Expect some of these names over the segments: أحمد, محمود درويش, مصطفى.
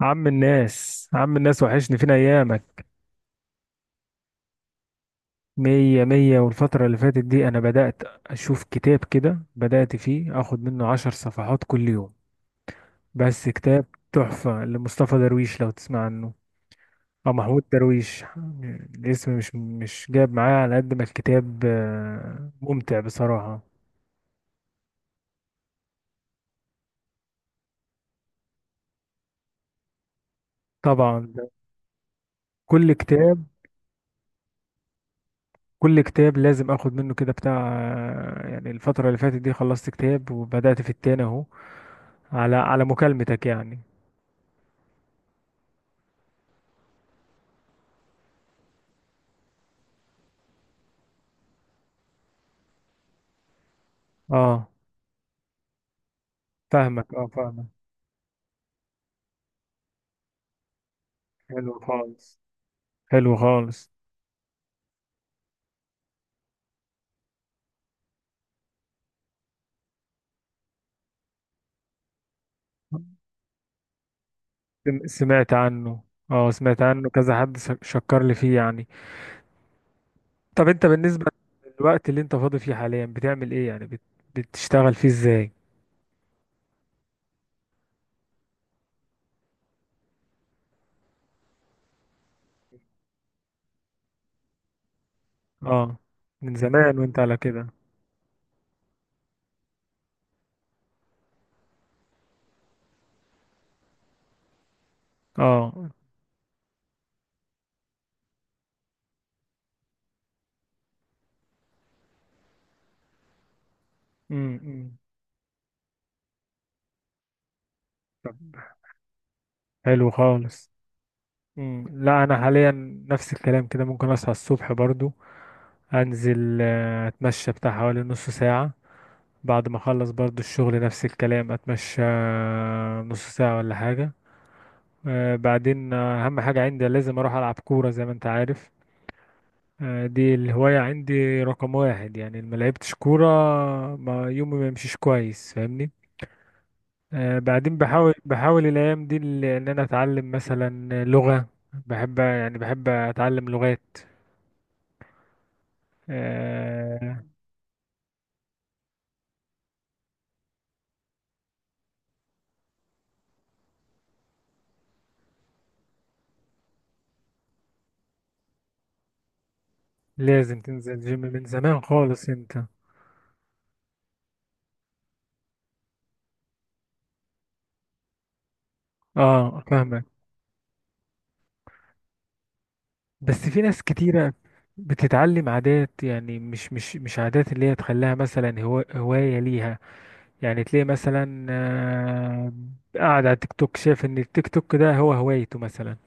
عم الناس وحشني، فين ايامك؟ مية مية، والفترة اللي فاتت دي انا بدأت اشوف كتاب كده، بدأت فيه اخد منه 10 صفحات كل يوم. بس كتاب تحفة لمصطفى درويش لو تسمع عنه، او محمود درويش. الاسم مش جاب معايا، على قد ما الكتاب ممتع بصراحة. طبعا. كل كتاب كل كتاب لازم اخد منه كده بتاع. يعني الفترة اللي فاتت دي خلصت كتاب وبدأت في التاني اهو. على مكالمتك يعني. اه فاهمك، اه فاهمك. حلو خالص، حلو خالص. سمعت عنه. اه سمعت عنه كذا حد شكر لي فيه يعني. طب انت بالنسبة للوقت اللي انت فاضي فيه حاليا بتعمل ايه؟ يعني بتشتغل فيه ازاي؟ اه. من زمان وانت على كده؟ اه. إمم. حلو خالص. لا انا حاليا نفس الكلام كده، ممكن اصحى الصبح برضو، انزل اتمشى بتاع حوالي نص ساعة. بعد ما اخلص برضو الشغل، نفس الكلام اتمشى نص ساعة ولا حاجة. بعدين اهم حاجة عندي لازم اروح العب كورة زي ما انت عارف. دي الهواية عندي رقم واحد، يعني ما لعبتش كورة ما يومي ما يمشيش كويس، فاهمني. بعدين بحاول الايام دي ان انا اتعلم مثلا لغة. بحب اتعلم لغات. آه، لازم تنزل جيم من زمان خالص انت. اه فاهمك. بس في ناس كتيرة بتتعلم عادات، يعني مش عادات اللي هي تخليها مثلا هو هواية ليها. يعني تلاقي مثلا قاعد على التيك توك شايف ان التيك توك ده هو هوايته مثلا.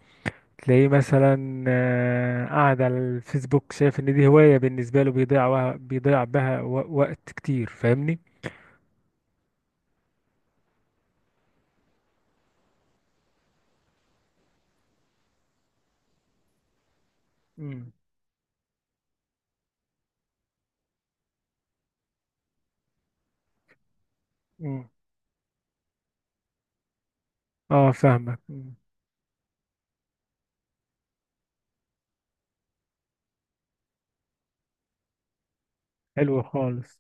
تلاقيه مثلا قاعد على الفيسبوك شايف ان دي هواية بالنسبة له، بيضيع بيضيع بها وقت كتير، فاهمني؟ امم. امم. اه فاهمك. امم. حلو خالص.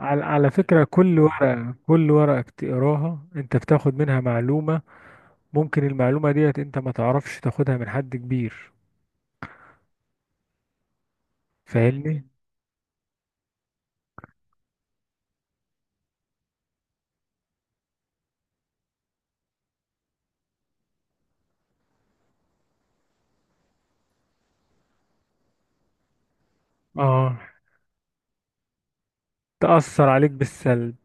على فكرة، كل ورقة بتقراها انت بتاخد منها معلومة، ممكن المعلومة ديت انت ما تعرفش تاخدها من حد كبير، فاهمني. اه. تأثر عليك بالسلب.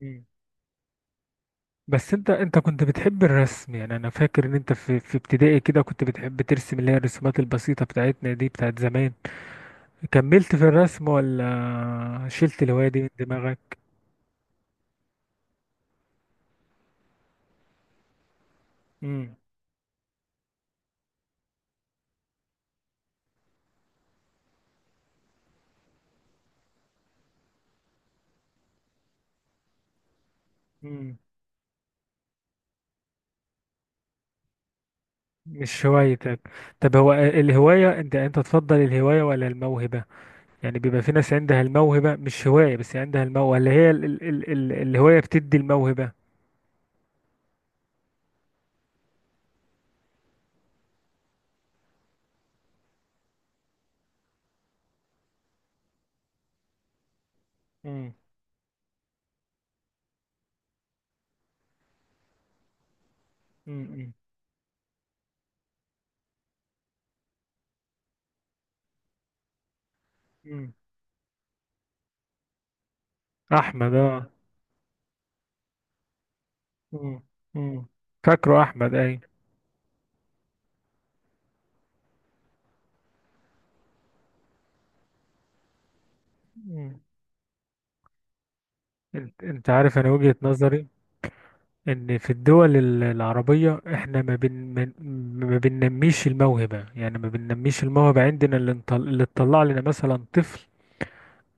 مم. بس انت كنت بتحب الرسم، يعني انا فاكر ان انت في ابتدائي كده كنت بتحب ترسم، اللي هي الرسومات البسيطة بتاعتنا دي بتاعت زمان. كملت في الرسم ولا شلت الهواية دي من دماغك؟ مم. مم. مش هوايتك. طب هو الهواية، انت تفضل الهواية ولا الموهبة؟ يعني بيبقى في ناس عندها الموهبة، مش هواية بس عندها الموهبة، اللي هي ال ال ال ال الهواية بتدي الموهبة. مم. مم. مم. أحمد. اه. مم. مم. فاكره أحمد أي. مم. انت عارف، أنا وجهة نظري إن في الدول العربية، إحنا ما بن من- ما بننميش الموهبة، يعني ما بننميش الموهبة عندنا، اللي تطلع لنا مثلا طفل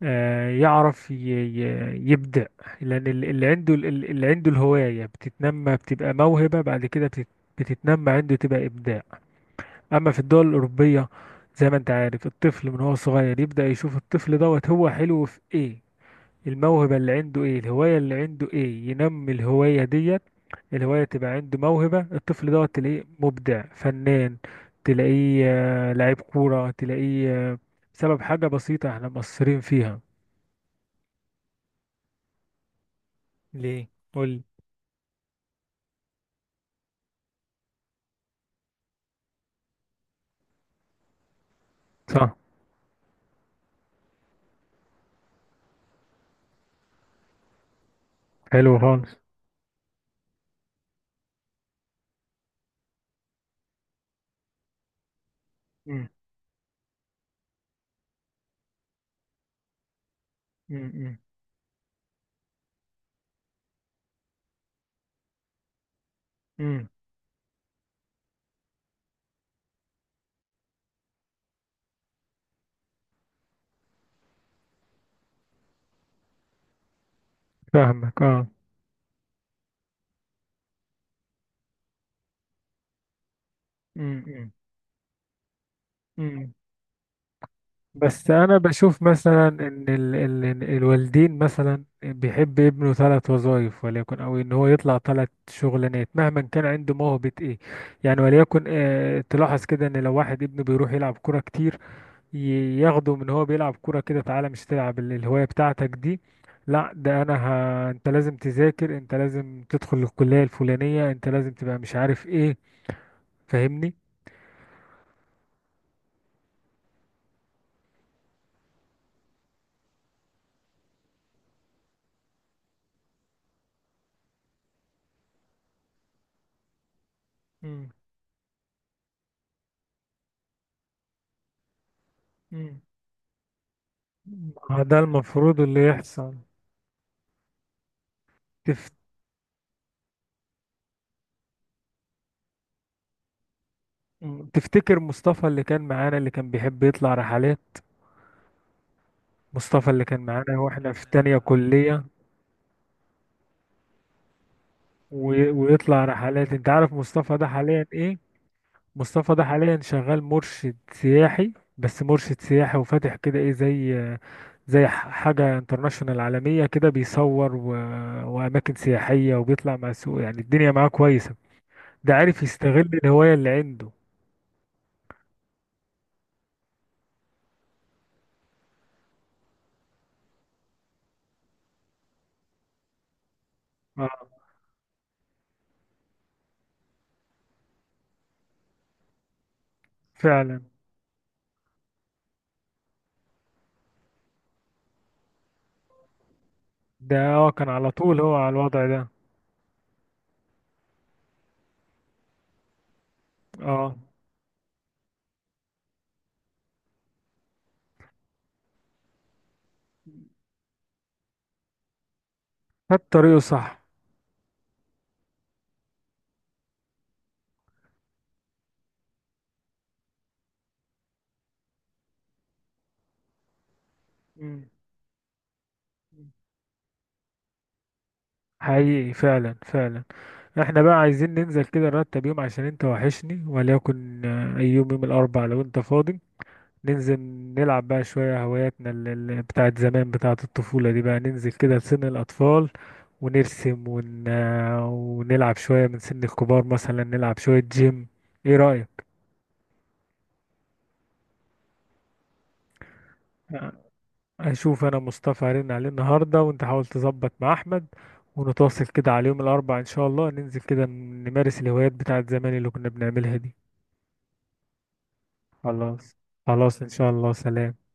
يعرف يبدع، لأن اللي عنده اللي عنده الهواية بتتنمى، بتبقى موهبة بعد كده، بتتنمى عنده تبقى إبداع. أما في الدول الأوروبية، زي ما أنت عارف، الطفل من هو صغير يبدأ يشوف الطفل دوت هو حلو في إيه، الموهبة اللي عنده إيه، الهواية اللي عنده إيه، ينمي الهواية ديت. الهواية تبقى عنده موهبة، الطفل دوت تلاقيه مبدع فنان، تلاقيه لعيب كورة، تلاقيه بسبب حاجة بسيطة احنا مقصرين فيها. ليه؟ قول لي. صح. حلو خالص. مم. مم. مم. فاهمك، اه. مم. مم. مم. بس انا بشوف مثلا ان ال ال الوالدين مثلا بيحب ابنه ثلاث وظائف، وليكن، او ان هو يطلع ثلاث شغلانات مهما كان عنده موهبة ايه. يعني وليكن، تلاحظ كده ان لو واحد ابنه بيروح يلعب كرة كتير، ياخده من هو بيلعب كورة كده، تعالى، مش تلعب الهواية بتاعتك دي، لا ده انا انت لازم تذاكر، انت لازم تدخل الكلية الفلانية، انت لازم تبقى مش عارف ايه، فاهمني. مم. مم. ما ده المفروض اللي يحصل. تف... مم. تفتكر مصطفى اللي كان معانا اللي كان بيحب يطلع رحلات؟ مصطفى اللي كان معانا واحنا في تانية كلية، و... ويطلع رحلات، انت عارف مصطفى ده حاليا ايه؟ مصطفى ده حاليا شغال مرشد سياحي، بس مرشد سياحي وفاتح كده ايه، زي حاجة انترناشونال عالمية كده، بيصور وأماكن سياحية، وبيطلع مع السوق، يعني الدنيا معاه كويسة. ده عارف يستغل الهواية اللي عنده. اه. فعلا. ده، اه، كان على طول هو على الوضع ده. اه. خد طريقه صح. مم. حقيقي، فعلا فعلا. احنا بقى عايزين ننزل كده نرتب يوم عشان انت وحشني، وليكن اي يوم، يوم الأربع لو انت فاضي، ننزل نلعب بقى شوية هواياتنا اللي بتاعت زمان بتاعت الطفولة دي، بقى ننزل كده لسن الأطفال ونرسم ونلعب شوية من سن الكبار، مثلا نلعب شوية جيم، ايه رأيك؟ أشوف أنا مصطفى هرن عليه النهاردة، وأنت حاول تظبط مع أحمد، ونتواصل كده على يوم الأربعاء إن شاء الله ننزل كده نمارس الهوايات بتاعت زمان اللي كنا بنعملها دي. خلاص. خلاص إن شاء الله، سلام.